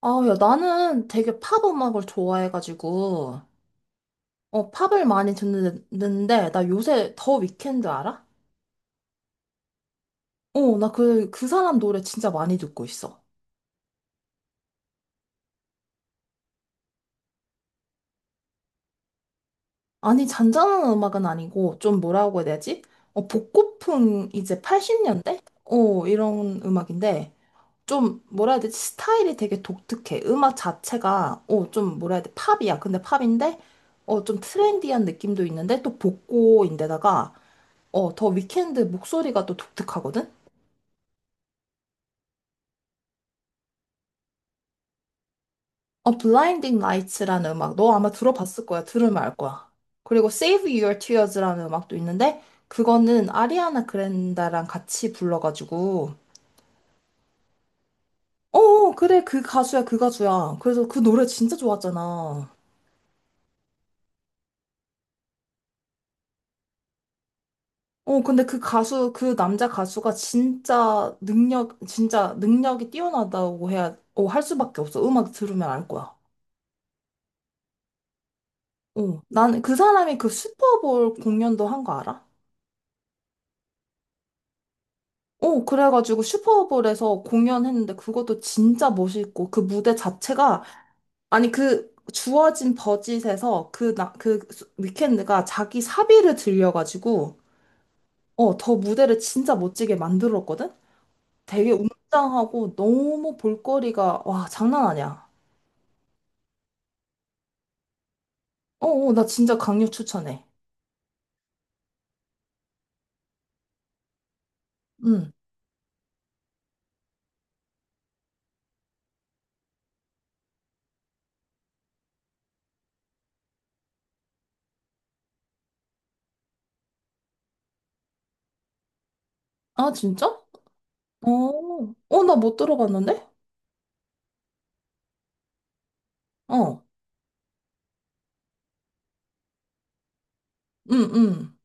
아, 야, 나는 되게 팝 음악을 좋아해가지고, 팝을 많이 듣는데, 나 요새 더 위켄드 알아? 나 그 사람 노래 진짜 많이 듣고 있어. 아니, 잔잔한 음악은 아니고, 좀 뭐라고 해야 되지? 복고풍 이제 80년대? 이런 음악인데, 좀 뭐라 해야 되지? 스타일이 되게 독특해. 음악 자체가, 좀 뭐라 해야 돼? 팝이야. 근데 팝인데, 좀 트렌디한 느낌도 있는데, 또 복고인데다가, 더 위켄드 목소리가 또 독특하거든? 블라인딩 라이츠라는 음악, 너 아마 들어봤을 거야. 들으면 알 거야. 그리고 Save Your Tears라는 음악도 있는데, 그거는 아리아나 그랜다랑 같이 불러가지고, 어, 어, 그래, 그 가수야, 그 가수야. 그래서 그 노래 진짜 좋았잖아. 근데 그 남자 가수가 진짜 진짜 능력이 뛰어나다고 해야, 할 수밖에 없어. 음악 들으면 알 거야. 나는 그 사람이 그 슈퍼볼 공연도 한 거 알아? 그래가지고 슈퍼볼에서 공연했는데 그것도 진짜 멋있고 그 무대 자체가 아니 그 주어진 버짓에서 그 나 그 위켄드가 자기 사비를 들여가지고 더 무대를 진짜 멋지게 만들었거든? 되게 웅장하고 너무 볼거리가 와 장난 아니야. 어, 어, 나 진짜 강력 추천해. 응. 아, 진짜? 어, 어, 나 못 들어봤는데? 어, 응, 응.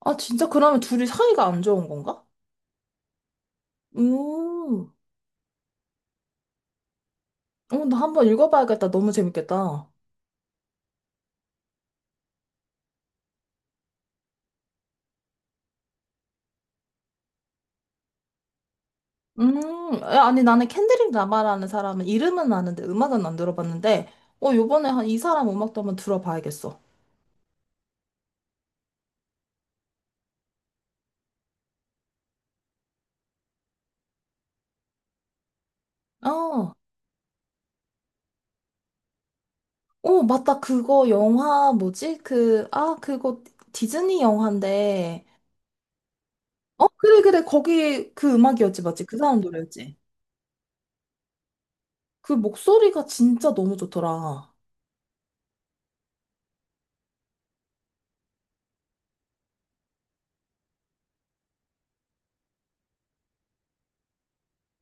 아, 진짜 그러면 둘이 사이가 안 좋은 건가? 음. 나 한번 읽어봐야겠다. 너무 재밌겠다. 음, 야, 아니, 나는 캔드릭 라마라는 사람은 이름은 아는데 음악은 안 들어봤는데, 요번에 한 이 사람 음악도 한번 들어봐야겠어. 어, 어, 맞다. 그거 영화 뭐지? 그거 디즈니 영화인데, 그래, 그래. 거기 그 음악이었지, 맞지? 그 사람 노래였지? 그 목소리가 진짜 너무 좋더라.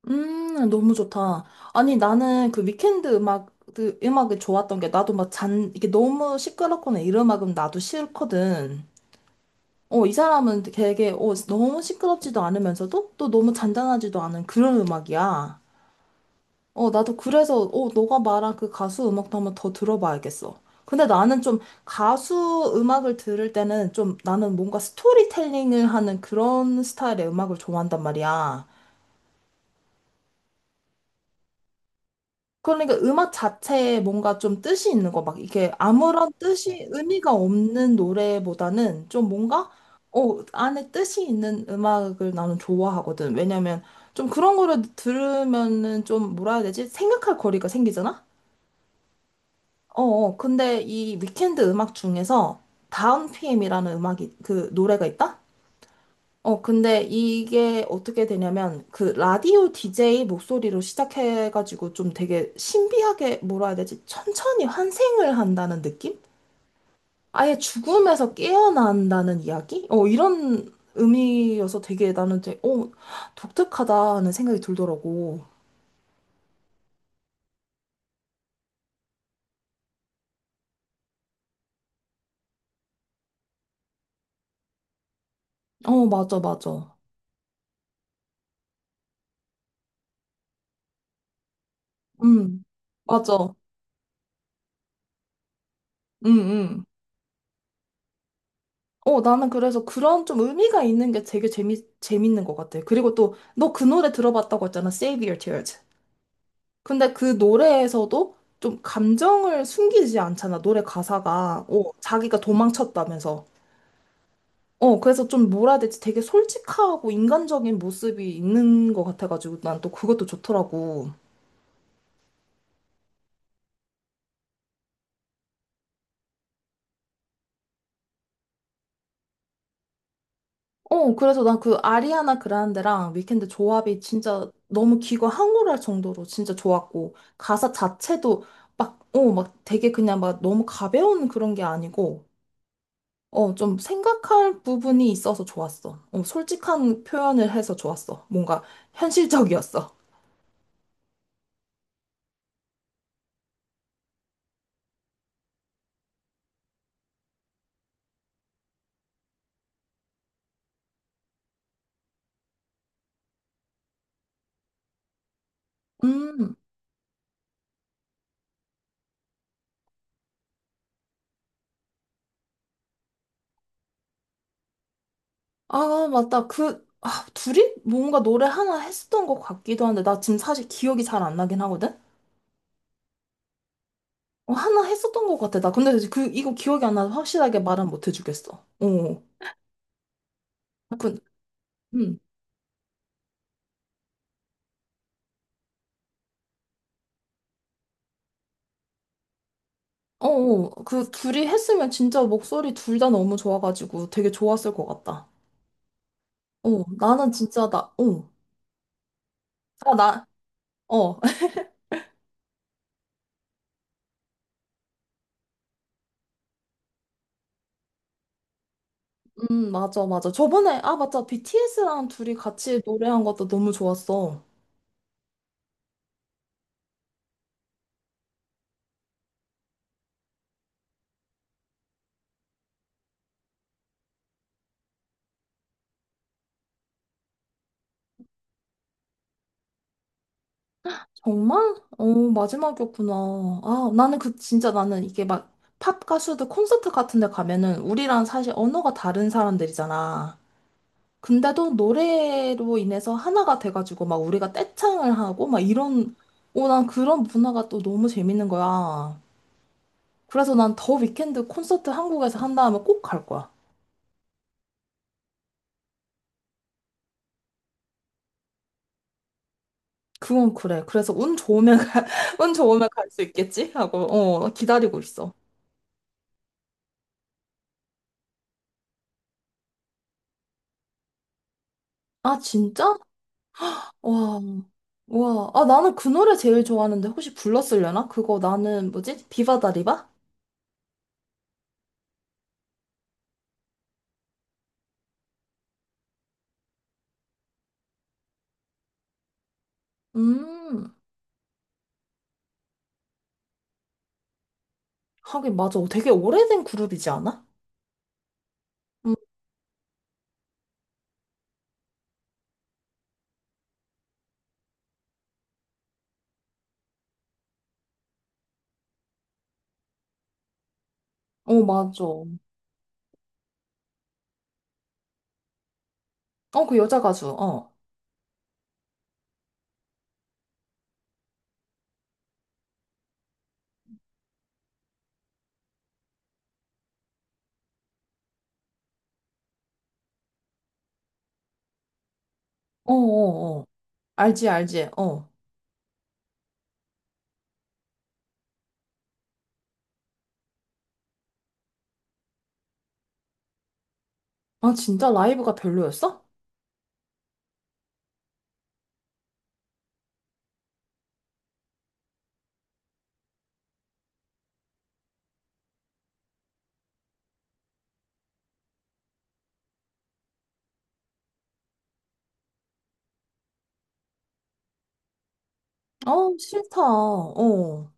너무 좋다. 아니, 나는 그 위켄드 음악, 그 음악이 좋았던 게 나도 막 잔, 이게 너무 시끄럽거나 이런 음악은 나도 싫거든. 이 사람은 되게, 너무 시끄럽지도 않으면서도 또 너무 잔잔하지도 않은 그런 음악이야. 나도 그래서, 너가 말한 그 가수 음악도 한번 더 들어봐야겠어. 근데 나는 좀 가수 음악을 들을 때는 좀 나는 뭔가 스토리텔링을 하는 그런 스타일의 음악을 좋아한단 말이야. 그러니까 음악 자체에 뭔가 좀 뜻이 있는 거, 막 이게 아무런 의미가 없는 노래보다는 좀 뭔가, 안에 뜻이 있는 음악을 나는 좋아하거든. 왜냐면 좀 그런 거를 들으면은 좀 뭐라 해야 되지? 생각할 거리가 생기잖아? 어, 어. 근데 이 위켄드 음악 중에서 다운 PM이라는 음악이, 그 노래가 있다? 근데 이게 어떻게 되냐면, 그 라디오 DJ 목소리로 시작해가지고 좀 되게 신비하게, 뭐라 해야 되지? 천천히 환생을 한다는 느낌? 아예 죽음에서 깨어난다는 이야기? 이런 의미여서 되게 나는 되게, 독특하다는 생각이 들더라고. 어, 맞아, 맞아. 음, 맞아. 음, 음. 나는 그래서 그런 좀 의미가 있는 게 되게 재밌는 것 같아. 그리고 또, 너 그 노래 들어봤다고 했잖아. Save Your Tears. 근데 그 노래에서도 좀 감정을 숨기지 않잖아, 노래 가사가. 자기가 도망쳤다면서. 그래서 좀 뭐라 해야 될지 되게 솔직하고 인간적인 모습이 있는 것 같아가지고 난 또 그것도 좋더라고. 그래서 난 그 아리아나 그란데랑 위켄드 조합이 진짜 너무 귀가 항홀할 정도로 진짜 좋았고, 가사 자체도 되게 그냥 막 너무 가벼운 그런 게 아니고, 좀 생각할 부분이 있어서 좋았어. 솔직한 표현을 해서 좋았어. 뭔가 현실적이었어. 음, 아, 맞다. 둘이 뭔가 노래 하나 했었던 것 같기도 한데, 나 지금 사실 기억이 잘 안 나긴 하거든? 하나 했었던 것 같아. 나 근데 이거 기억이 안 나서 확실하게 말은 못 해주겠어. 어, 그, 음. 어, 어, 그 둘이 했으면 진짜 목소리 둘 다 너무 좋아가지고 되게 좋았을 것 같다. 어, 나는 진짜 나, 어, 아, 나, 어. 맞아, 맞아. 저번에, 아, 맞다. BTS랑 둘이 같이 노래한 것도 너무 좋았어. 정말? 마지막이었구나. 아, 나는 진짜 나는 이게 막, 팝 가수들 콘서트 같은 데 가면은, 우리랑 사실 언어가 다른 사람들이잖아. 근데도 노래로 인해서 하나가 돼가지고, 막 우리가 떼창을 하고, 막 이런, 오, 난 그런 문화가 또 너무 재밌는 거야. 그래서 난 더 위켄드 콘서트 한국에서 한다음에 꼭 갈 거야. 그건 그래. 그래서 운 좋으면 가, 운 좋으면 갈 수 있겠지? 하고 어 기다리고 있어. 아 진짜? 와. 와. 아 나는 그 노래 제일 좋아하는데 혹시 불렀으려나? 그거 나는 뭐지? 비바다리바? 음. 하긴 맞아. 되게 오래된 그룹이지 않아? 음. 어 맞아. 어 그 여자 가수. 어. 어 어, 어. 알지 알지. 어. 아 진짜 라이브가 별로였어? 어 싫다. 어.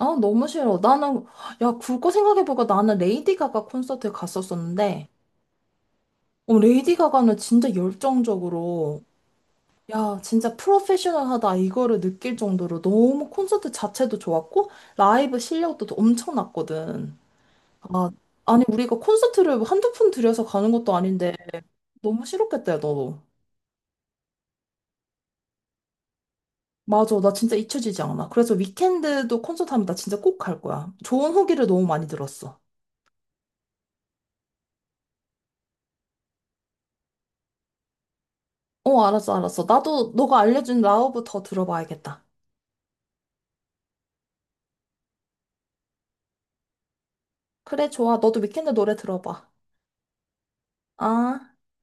아, 너무 싫어. 나는, 야, 그거 생각해보니까 나는 레이디 가가 콘서트에 갔었었는데, 레이디 가가는 진짜 열정적으로, 야, 진짜 프로페셔널하다, 이거를 느낄 정도로 너무 콘서트 자체도 좋았고, 라이브 실력도 엄청났거든. 아, 아니, 우리가 콘서트를 한두 푼 들여서 가는 것도 아닌데, 너무 싫었겠다, 야, 너. 맞아, 나 진짜 잊혀지지 않아. 그래서 위켄드도 콘서트 하면 나 진짜 꼭 갈 거야. 좋은 후기를 너무 많이 들었어. 알았어, 알았어. 나도 너가 알려준 라우브 더 들어봐야겠다. 그래, 좋아. 너도 위켄드 노래 들어봐. 아.